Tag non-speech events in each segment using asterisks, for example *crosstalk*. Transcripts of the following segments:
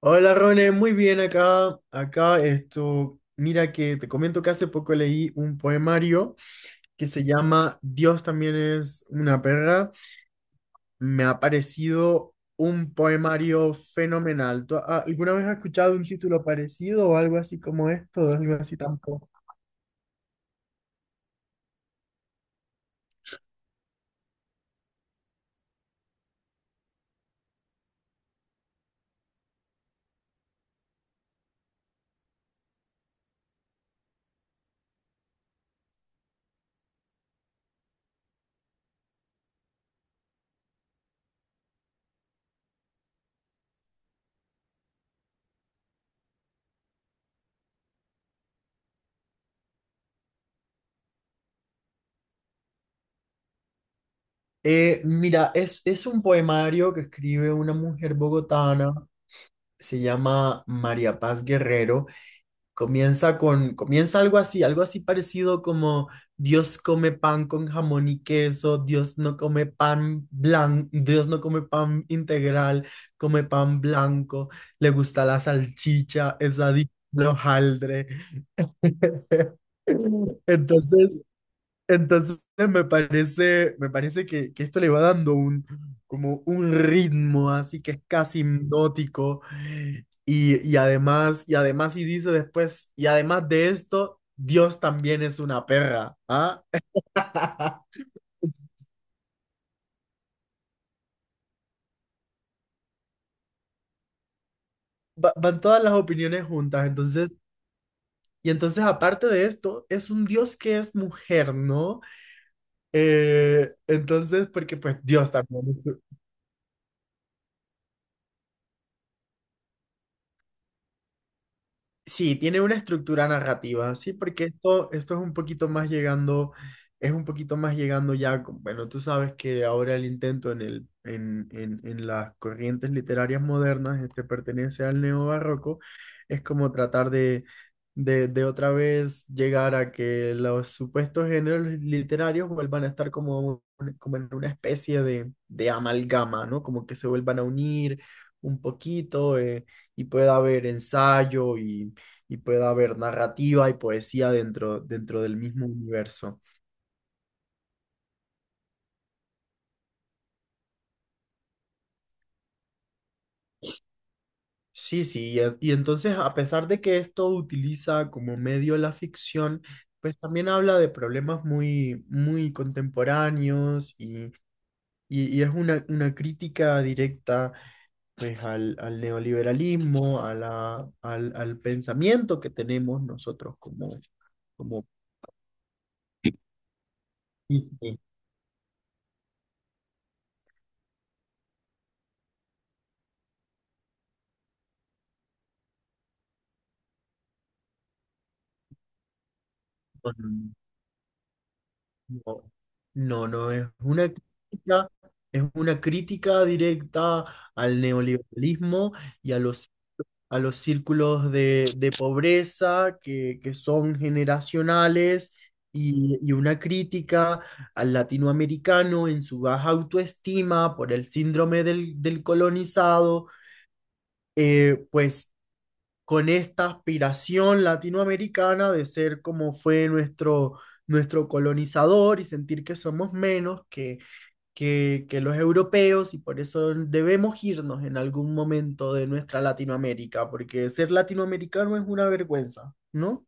Hola Rone, muy bien acá. Acá esto, mira que te comento que hace poco leí un poemario que se llama Dios también es una perra. Me ha parecido un poemario fenomenal. ¿Tú alguna vez has escuchado un título parecido o algo así como esto, o algo así tampoco? Mira, es un poemario que escribe una mujer bogotana, se llama María Paz Guerrero. Comienza algo así parecido como Dios come pan con jamón y queso, Dios no come pan blanco, Dios no come pan integral, come pan blanco, le gusta la salchicha, es adicto al hojaldre. *laughs* Entonces, entonces me parece que esto le va dando un, como un ritmo así que es casi hipnótico. Y dice después, y además de esto, Dios también es una perra, ¿ah? *laughs* Van todas las opiniones juntas, entonces, y entonces aparte de esto, es un Dios que es mujer, ¿no? Porque pues Dios también es. Sí, tiene una estructura narrativa, sí, porque esto es un poquito más llegando, es un poquito más llegando ya, bueno, tú sabes que ahora el intento en el, en las corrientes literarias modernas, este pertenece al neobarroco, es como tratar de, de otra vez llegar a que los supuestos géneros literarios vuelvan a estar como, como en una especie de amalgama, ¿no? Como que se vuelvan a unir un poquito, y pueda haber ensayo y pueda haber narrativa y poesía dentro, dentro del mismo universo. Sí, sí, y, y entonces a pesar de que esto utiliza como medio la ficción, pues también habla de problemas muy, muy contemporáneos y, y es una crítica directa pues al, al neoliberalismo, a la, al, al pensamiento que tenemos nosotros como, como. No, no, no, es una crítica directa al neoliberalismo y a los círculos de pobreza que son generacionales y una crítica al latinoamericano en su baja autoestima por el síndrome del, del colonizado. Pues con esta aspiración latinoamericana de ser como fue nuestro, nuestro colonizador y sentir que somos menos que los europeos y por eso debemos irnos en algún momento de nuestra Latinoamérica, porque ser latinoamericano es una vergüenza, ¿no?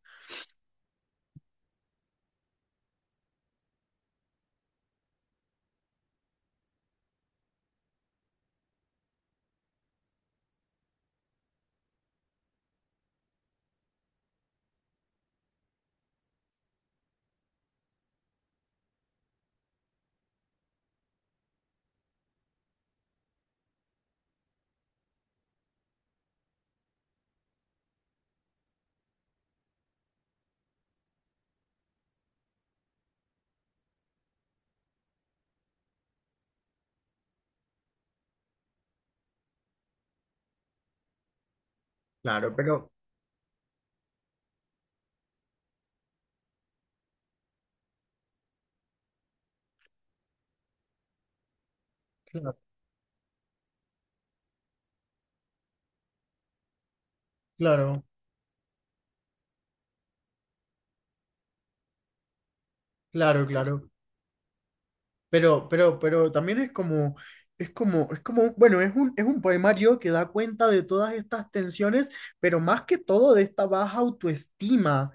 Claro, pero... Claro, claro, claro, claro. Pero también es como, es como, es como, bueno, es un poemario que da cuenta de todas estas tensiones, pero más que todo de esta baja autoestima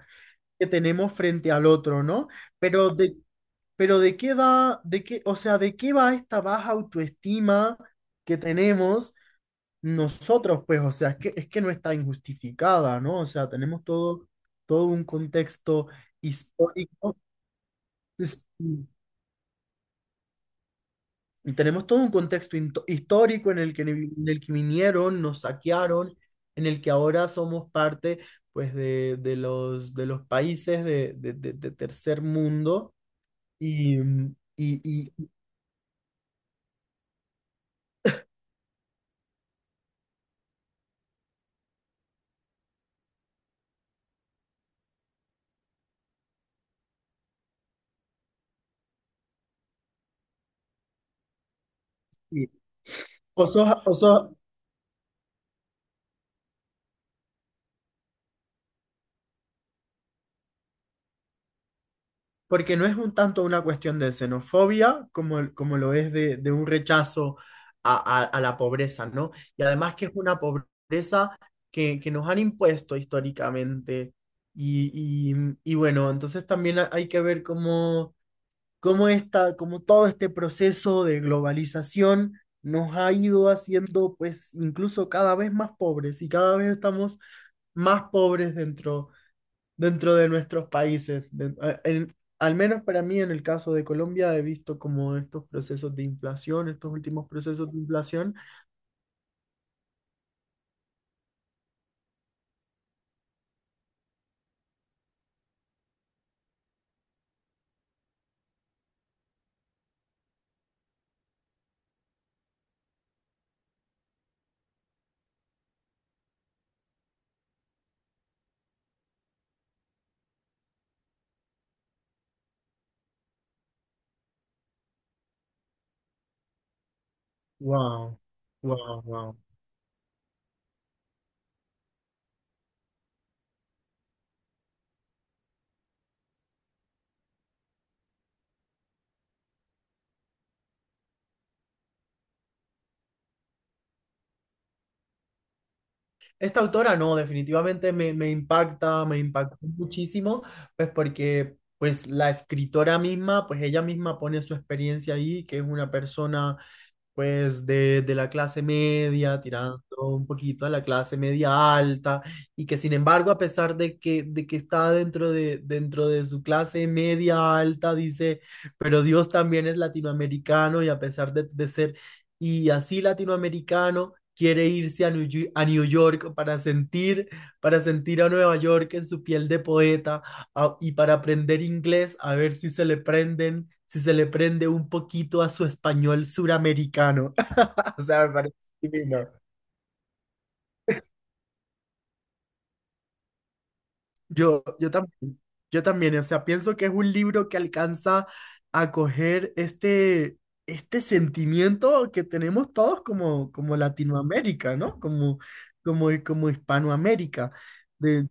que tenemos frente al otro, ¿no? Pero de, pero de qué da, de qué, o sea, de qué va esta baja autoestima que tenemos nosotros, pues, o sea, es que no está injustificada, ¿no? O sea, tenemos todo, todo un contexto histórico. Y tenemos todo un contexto histórico en el que, en el que vinieron, nos saquearon, en el que ahora somos parte pues, de los países de, de tercer mundo. Y, y, y osos. Porque no es un tanto una cuestión de xenofobia como, como lo es de un rechazo a, a la pobreza, ¿no? Y además que es una pobreza que nos han impuesto históricamente. Y, y bueno, entonces también hay que ver cómo, cómo, esta, cómo todo este proceso de globalización nos ha ido haciendo pues incluso cada vez más pobres y cada vez estamos más pobres dentro dentro de nuestros países. Al menos para mí, en el caso de Colombia, he visto como estos procesos de inflación, estos últimos procesos de inflación. Wow, wow, wow. Esta autora no, definitivamente me, me impacta, me impactó muchísimo, pues porque pues la escritora misma, pues ella misma pone su experiencia ahí, que es una persona pues de la clase media, tirando un poquito a la clase media alta, y que sin embargo, a pesar de que está dentro de su clase media alta, dice, pero Dios también es latinoamericano y a pesar de ser y así latinoamericano, quiere irse a a New York para sentir a Nueva York en su piel de poeta y para aprender inglés, a ver si se le prenden, si se le prende un poquito a su español suramericano. *laughs* O sea, me parece divino. Yo, yo también, o sea, pienso que es un libro que alcanza a coger este, este sentimiento que tenemos todos como, como Latinoamérica, ¿no? Como, como, como Hispanoamérica. De,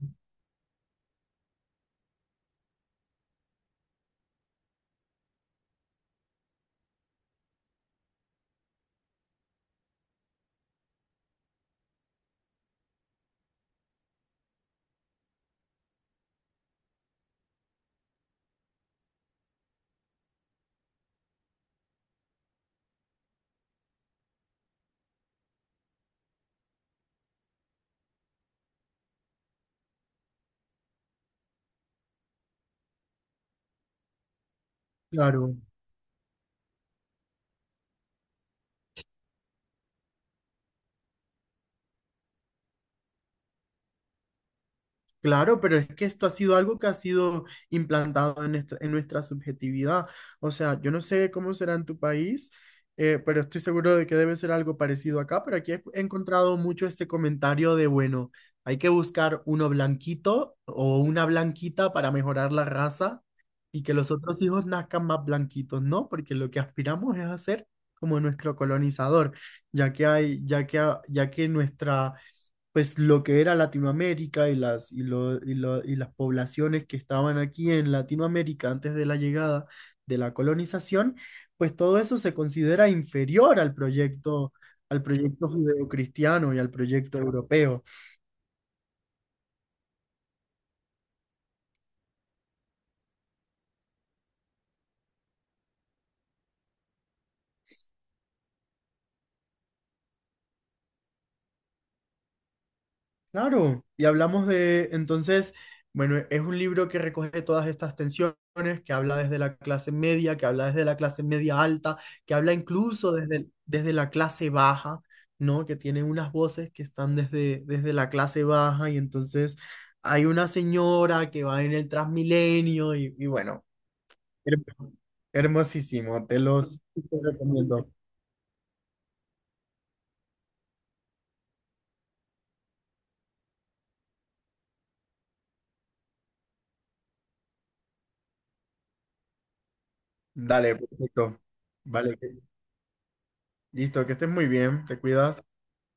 claro. Claro, pero es que esto ha sido algo que ha sido implantado en nuestra subjetividad. O sea, yo no sé cómo será en tu país, pero estoy seguro de que debe ser algo parecido acá. Pero aquí he encontrado mucho este comentario de, bueno, hay que buscar uno blanquito o una blanquita para mejorar la raza y que los otros hijos nazcan más blanquitos, ¿no? Porque lo que aspiramos es hacer como nuestro colonizador, ya que hay, ya que nuestra pues lo que era Latinoamérica y las, y las poblaciones que estaban aquí en Latinoamérica antes de la llegada de la colonización, pues todo eso se considera inferior al proyecto judeocristiano y al proyecto europeo. Claro, y hablamos de, entonces, bueno, es un libro que recoge todas estas tensiones, que habla desde la clase media, que habla desde la clase media alta, que habla incluso desde, desde la clase baja, ¿no? Que tiene unas voces que están desde, desde la clase baja y entonces hay una señora que va en el Transmilenio y bueno, hermo- hermosísimo, te recomiendo. Dale, perfecto. Vale, listo, que estés muy bien, te cuidas.